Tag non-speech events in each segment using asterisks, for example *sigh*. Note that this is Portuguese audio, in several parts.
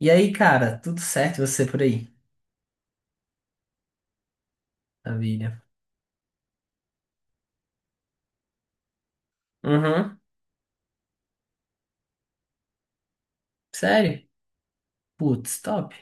E aí, cara, tudo certo e você por aí? Maravilha. Uhum. Sério? Putz, top.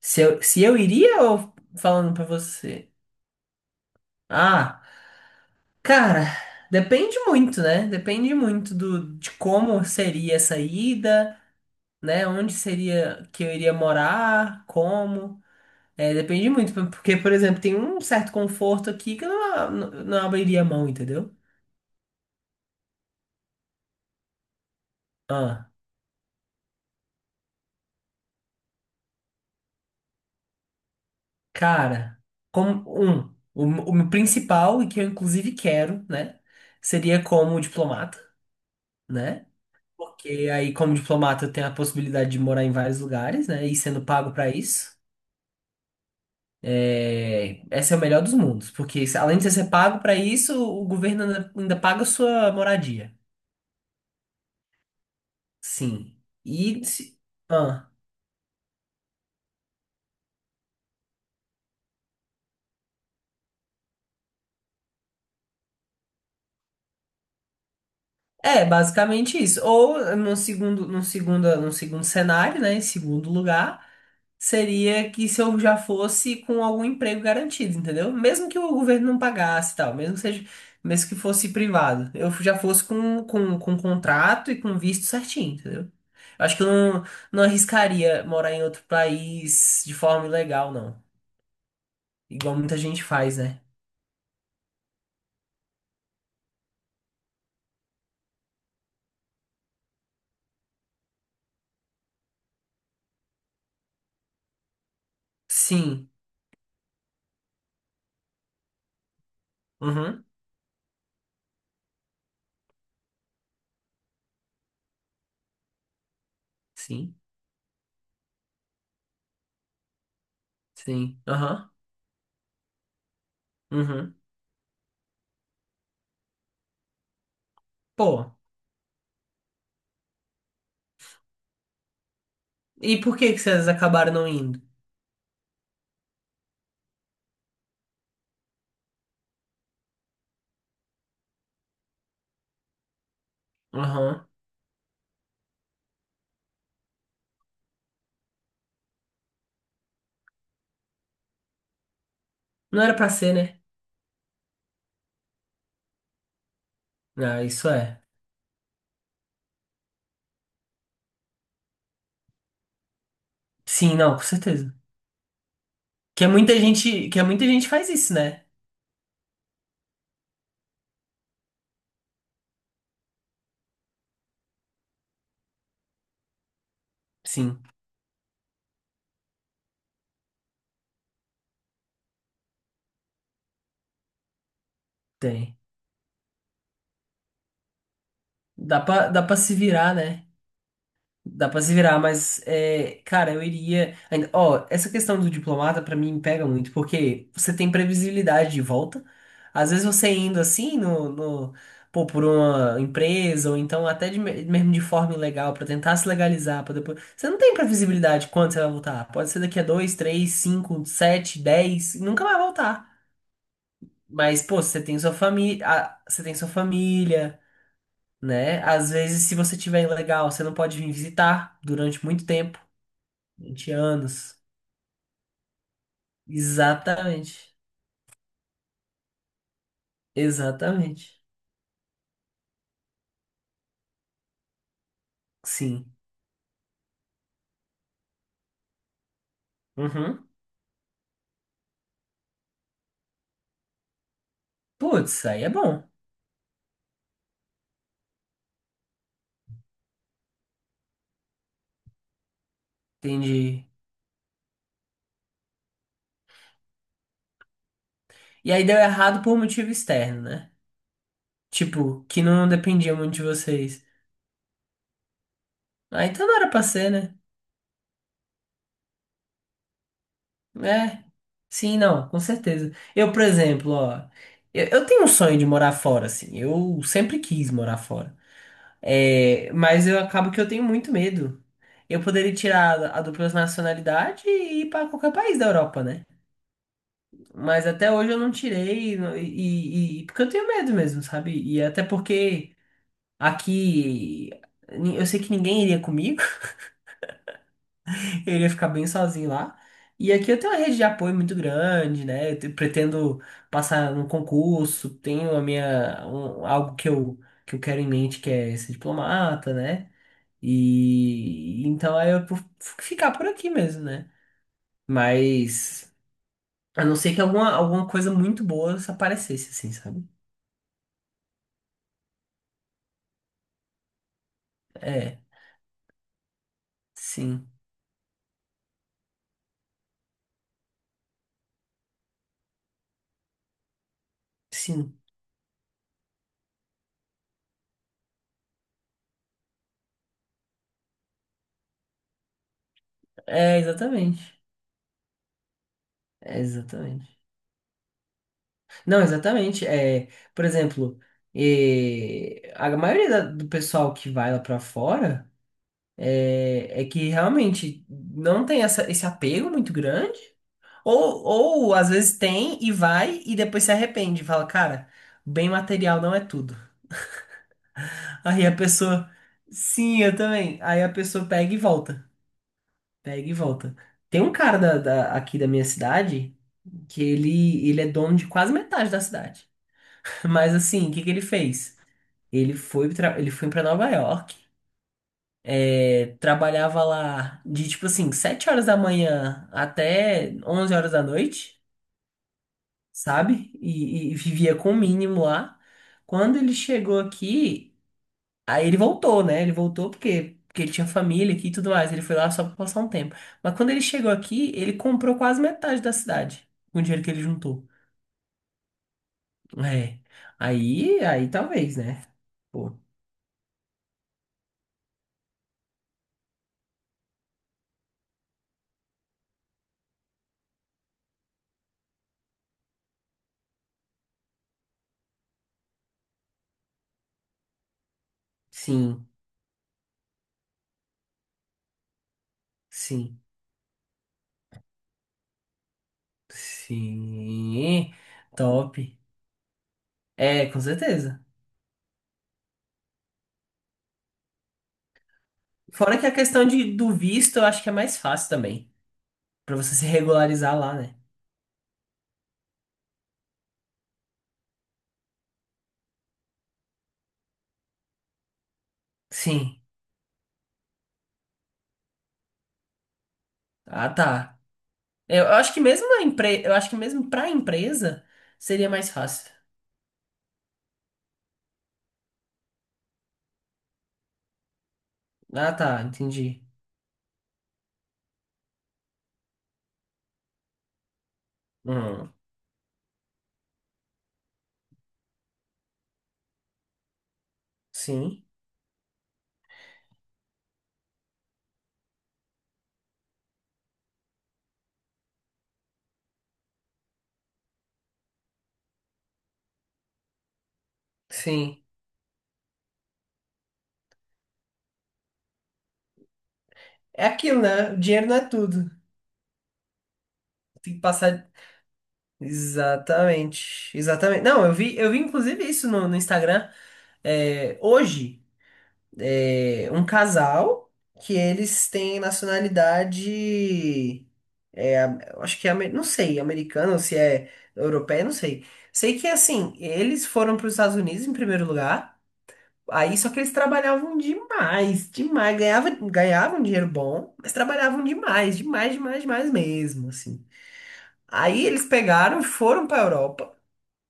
Se eu iria ou falando pra você? Ah, cara, depende muito, né? Depende muito de como seria essa ida, né? Onde seria que eu iria morar, como. É, depende muito, porque, por exemplo, tem um certo conforto aqui que eu não abriria mão, entendeu? Ah. Cara, como um, o, o meu principal e que eu inclusive quero, né, seria como diplomata, né? Porque aí como diplomata eu tenho a possibilidade de morar em vários lugares, né, e sendo pago pra isso. É, esse é o melhor dos mundos, porque além de você ser pago pra isso, o governo ainda paga a sua moradia. Sim. E se- ah, é basicamente isso. Ou no segundo cenário, né, em segundo lugar seria que se eu já fosse com algum emprego garantido, entendeu? Mesmo que o governo não pagasse e tal, mesmo que seja, mesmo que fosse privado, eu já fosse com um contrato e com um visto certinho, entendeu? Eu acho que eu não arriscaria morar em outro país de forma ilegal, não. Igual muita gente faz, né? Sim. Uhum. Sim. Sim. Aham. Uhum. Pô. E por que que vocês acabaram não indo? Aham. Não era pra ser, né? Ah, isso é. Sim, não, com certeza. Que é muita gente, que é muita gente faz isso, né? Sim, tem. Dá dá pra se virar, né? Dá pra se virar, mas, é, cara, eu iria. Ó, essa questão do diplomata pra mim pega muito, porque você tem previsibilidade de volta. Às vezes você indo assim, pô, por uma empresa, ou então até mesmo de forma ilegal, pra tentar se legalizar, pra depois. Você não tem previsibilidade quando você vai voltar. Pode ser daqui a dois, três, cinco, sete, dez, e nunca vai voltar. Mas, pô, você tem sua família, você tem sua família, né? Às vezes, se você tiver ilegal, você não pode vir visitar durante muito tempo, 20 anos. Exatamente. Exatamente. Sim. Uhum. Putz, aí é bom. Entendi. E aí deu errado por motivo externo, né? Tipo, que não dependia muito de vocês. Ah, então não era pra ser, né? É. Sim, não, com certeza. Eu, por exemplo, ó, eu tenho um sonho de morar fora, assim. Eu sempre quis morar fora. É, mas eu acabo que eu tenho muito medo. Eu poderia tirar a dupla nacionalidade e ir para qualquer país da Europa, né? Mas até hoje eu não tirei, e, porque eu tenho medo mesmo, sabe? E até porque aqui eu sei que ninguém iria comigo, *laughs* eu iria ficar bem sozinho lá. E aqui eu tenho uma rede de apoio muito grande, né? Pretendo passar no concurso, tenho a minha, algo que eu, quero em mente, que é ser diplomata, né? E então aí eu vou ficar por aqui mesmo, né? Mas a não ser que alguma coisa muito boa aparecesse, assim, sabe? É, sim, sim. É, exatamente. É, exatamente. Não, exatamente. É, por exemplo, é, do pessoal que vai lá pra fora é, que realmente não tem esse apego muito grande. Ou, ou às vezes tem e vai e depois se arrepende. Fala, cara, bem material não é tudo. Aí a pessoa, sim, eu também. Aí a pessoa pega e volta. Pega e volta. Tem um cara aqui da minha cidade que ele é dono de quase metade da cidade. *laughs* Mas assim, o que que ele fez? Ele foi para Nova York, é, trabalhava lá de tipo assim, 7 horas da manhã até 11 horas da noite. Sabe? E vivia com o mínimo lá. Quando ele chegou aqui, aí ele voltou, né? Ele voltou porque ele tinha família aqui e tudo mais. Ele foi lá só pra passar um tempo. Mas quando ele chegou aqui, ele comprou quase metade da cidade com o dinheiro que ele juntou. É. Aí talvez, né? Pô, sim, sim, sim. Top. É, com certeza. Fora que a questão de, do visto, eu acho que é mais fácil também. Pra você se regularizar lá, né? Sim. Ah, tá. Eu acho que mesmo para a empresa seria mais fácil. Ah, tá, entendi. Hum, sim, sim. É aquilo, né? O dinheiro não é tudo. Tem que passar. Exatamente, exatamente. Não, eu vi inclusive isso no Instagram. É, hoje, é, um casal que eles têm nacionalidade, é, eu acho que é, não sei, americana ou se é europeia, não sei. Sei que assim, eles foram para os Estados Unidos em primeiro lugar. Aí só que eles trabalhavam demais, demais. Ganhavam dinheiro bom, mas trabalhavam demais, demais, demais, demais mesmo, assim. Aí eles pegaram, e foram para Europa.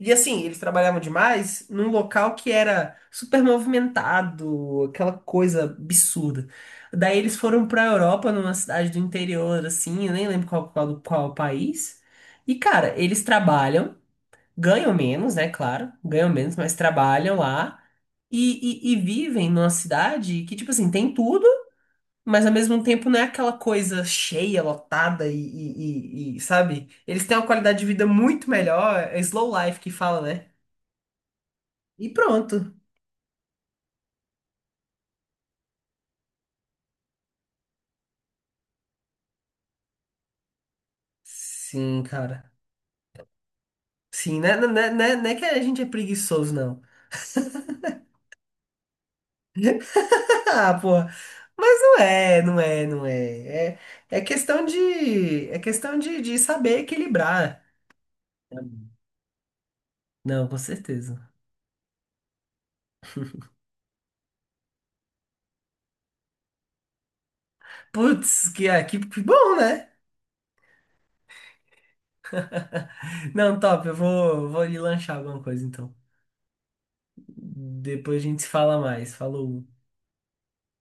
E assim, eles trabalhavam demais num local que era super movimentado, aquela coisa absurda. Daí eles foram para Europa, numa cidade do interior, assim, eu nem lembro qual país. E cara, eles trabalham ganham menos, né? Claro, ganham menos, mas trabalham lá e vivem numa cidade que, tipo assim, tem tudo, mas ao mesmo tempo não é aquela coisa cheia, lotada sabe? Eles têm uma qualidade de vida muito melhor, é slow life que fala, né? E pronto. Sim, cara. Sim, né? Não é, não é que a gente é preguiçoso, não. *laughs* Ah, porra. Mas não é, não é, não é. É, é questão de, saber equilibrar. Não, com certeza. Putz, que bom, né? Não, top, vou ali lanchar alguma coisa então. Depois a gente se fala mais. Falou.